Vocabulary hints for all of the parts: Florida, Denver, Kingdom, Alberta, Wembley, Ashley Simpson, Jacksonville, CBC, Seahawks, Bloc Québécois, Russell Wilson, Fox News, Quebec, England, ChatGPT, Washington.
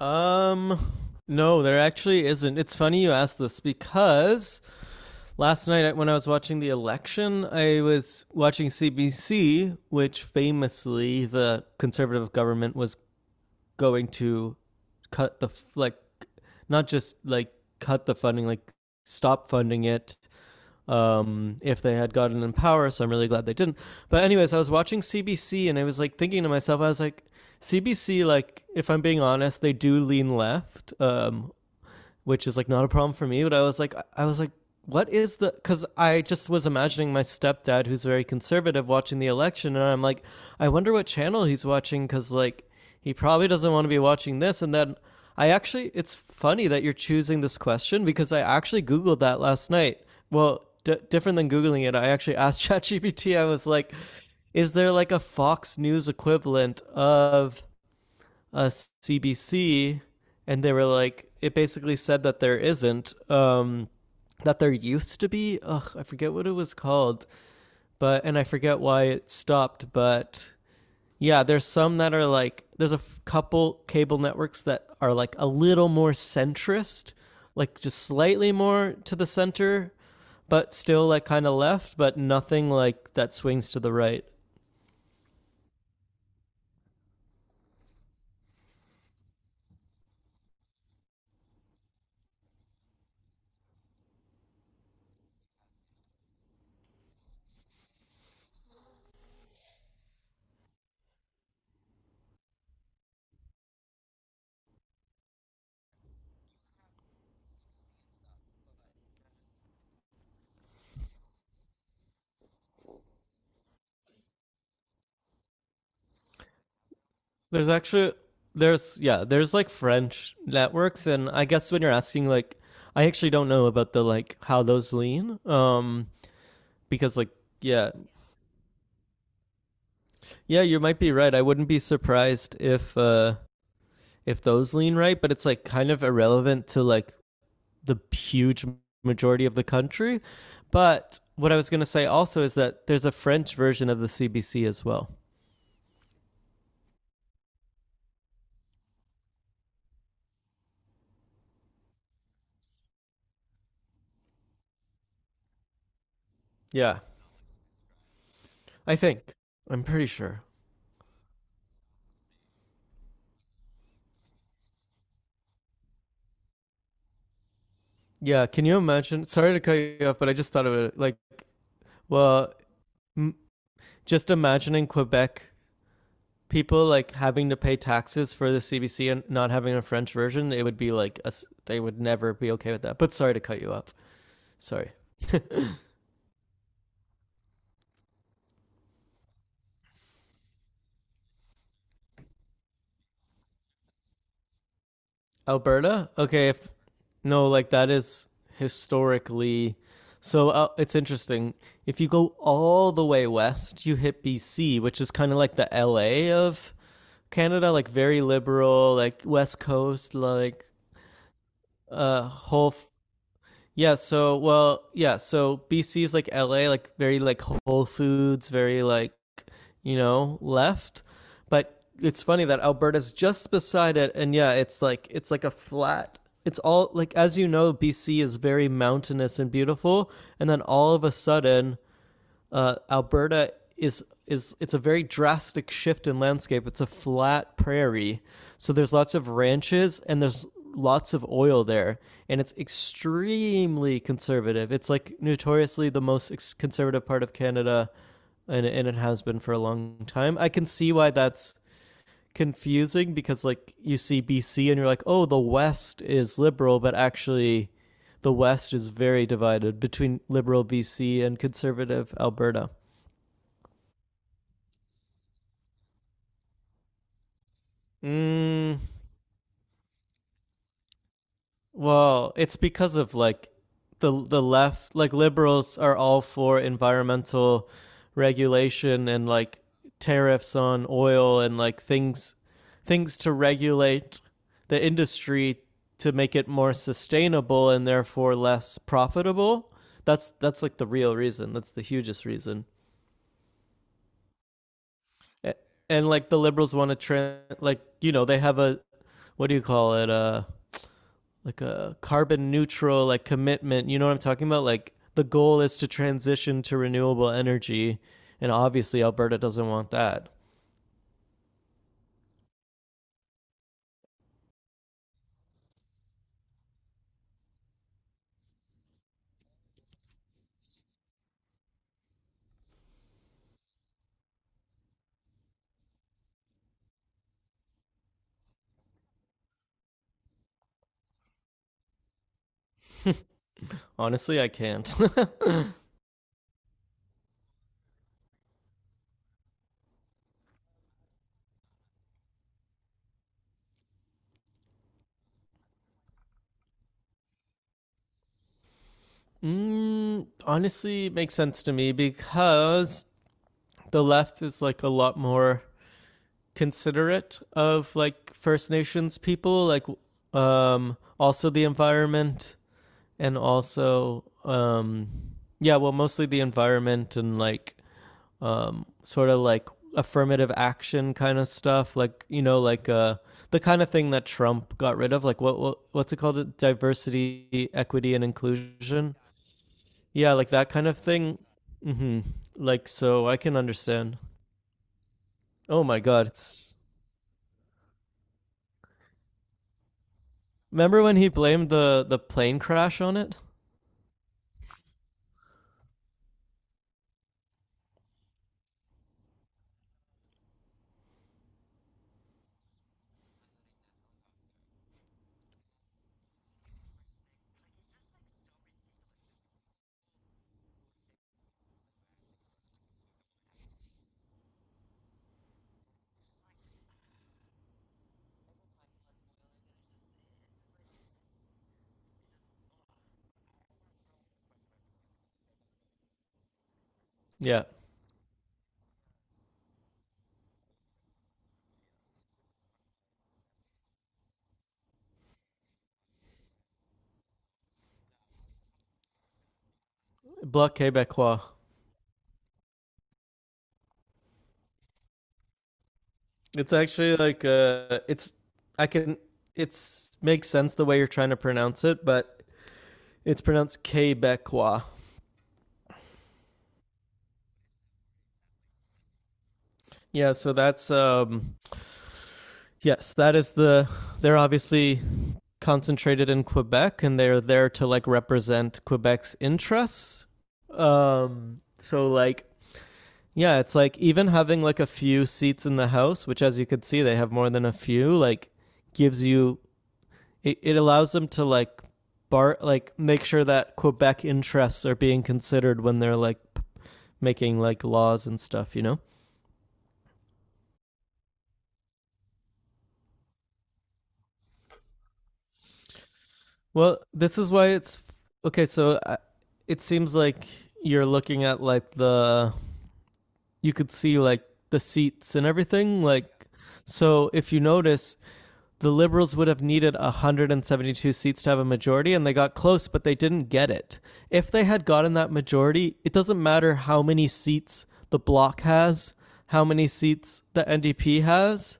Um, no, there actually isn't. It's funny you asked this because last night when I was watching the election, I was watching CBC, which famously the conservative government was going to cut the like not just like cut the funding, like stop funding it, if they had gotten in power. So I'm really glad they didn't. But anyways, I was watching CBC and I was like thinking to myself, I was like, CBC, like if I'm being honest, they do lean left, which is like not a problem for me. But I was like, what is the? Because I just was imagining my stepdad, who's very conservative, watching the election, and I'm like, I wonder what channel he's watching, because like he probably doesn't want to be watching this. And then it's funny that you're choosing this question because I actually googled that last night. Well, different than googling it, I actually asked ChatGPT. I was like, is there like a Fox News equivalent of a CBC, and they were like, it basically said that there isn't. That there used to be. Ugh, I forget what it was called, but and I forget why it stopped. But yeah, there's some that are like there's a couple cable networks that are like a little more centrist, like just slightly more to the center, but still like kind of left, but nothing like that swings to the right. There's actually there's yeah, there's like French networks and I guess when you're asking like I actually don't know about the like how those lean, because like yeah. Yeah, you might be right. I wouldn't be surprised if those lean right, but it's like kind of irrelevant to like the huge majority of the country. But what I was going to say also is that there's a French version of the CBC as well. Yeah, I think. I'm pretty sure. Yeah, can you imagine? Sorry to cut you off, but I just thought of it. Like, well, m- just imagining Quebec people like having to pay taxes for the CBC and not having a French version, it would be like a s they would never be okay with that. But sorry to cut you off. Sorry. Alberta? Okay, if no, like that is historically so, it's interesting. If you go all the way west, you hit BC, which is kind of like the LA of Canada, like very liberal, like West Coast, like whole. Yeah, so well, yeah, so BC's like LA, like very like Whole Foods, very like you know left. But it's funny that Alberta's just beside it, and yeah, it's like a flat. It's all like as you know, BC is very mountainous and beautiful, and then all of a sudden, Alberta is it's a very drastic shift in landscape. It's a flat prairie, so there's lots of ranches and there's lots of oil there, and it's extremely conservative. It's like notoriously the most conservative part of Canada, and it has been for a long time. I can see why that's confusing because like you see BC and you're like, oh, the West is liberal, but actually. The West is very divided between liberal BC and conservative Alberta. Mm, well, it's because of like the left, like liberals are all for environmental regulation and like tariffs on oil and like things to regulate the industry to make it more sustainable and therefore less profitable. That's like the real reason. That's the hugest reason. And like the liberals want to trend, like you know they have a what do you call it? Like a carbon neutral like commitment, you know what I'm talking about, like the goal is to transition to renewable energy, and obviously Alberta doesn't want that. Honestly I can't. Mm, honestly it makes sense to me because the left is like a lot more considerate of like First Nations people, like also the environment, and also yeah, well, mostly the environment, and like, sort of like affirmative action kind of stuff, like you know, like, the kind of thing that Trump got rid of. Like what, what's it called? Diversity, equity, and inclusion. Yeah, like that kind of thing. Mm-hmm. Like so, I can understand. Oh my God, it's remember when he blamed the plane crash on it? Yeah, Bloc Québécois. It's actually like, it's I can it's makes sense the way you're trying to pronounce it, but it's pronounced Quebecois. Yeah, so that's yes, that is the they're obviously concentrated in Quebec and they're there to like represent Quebec's interests. Um, so like yeah, it's like even having like a few seats in the house, which as you could see they have more than a few, like gives you it allows them to like bar like make sure that Quebec interests are being considered when they're like making like laws and stuff, you know? Well, this is why it's okay. It seems like you're looking at like the you could see like the seats and everything. Like, so if you notice, the Liberals would have needed 172 seats to have a majority, and they got close, but they didn't get it. If they had gotten that majority, it doesn't matter how many seats the Bloc has, how many seats the NDP has.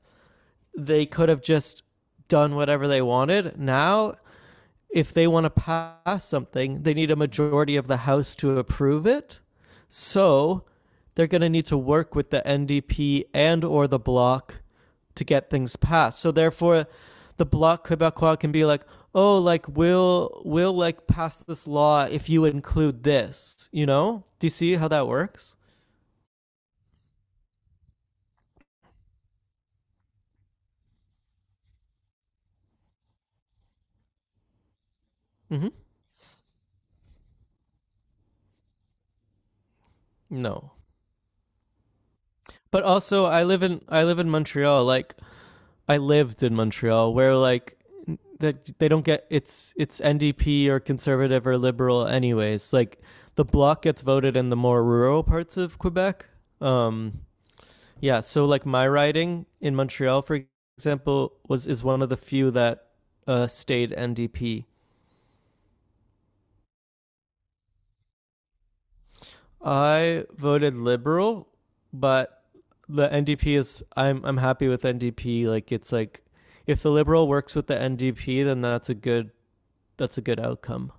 They could have just done whatever they wanted. Now if they want to pass something, they need a majority of the House to approve it. So they're going to need to work with the NDP and or the Bloc to get things passed. So therefore, the Bloc Quebecois can be like, oh, like we'll like pass this law if you include this. You know? Do you see how that works? Mm-hmm. No. But also, I live in Montreal. Like I lived in Montreal where like that they don't get it's NDP or conservative or liberal anyways. Like the bloc gets voted in the more rural parts of Quebec. Um, yeah, so like my riding in Montreal for example was is one of the few that stayed NDP. I voted liberal, but the NDP is I'm happy with NDP, like it's like if the liberal works with the NDP, then that's a good outcome.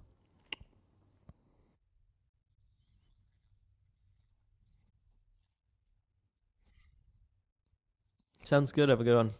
Sounds good. Have a good one.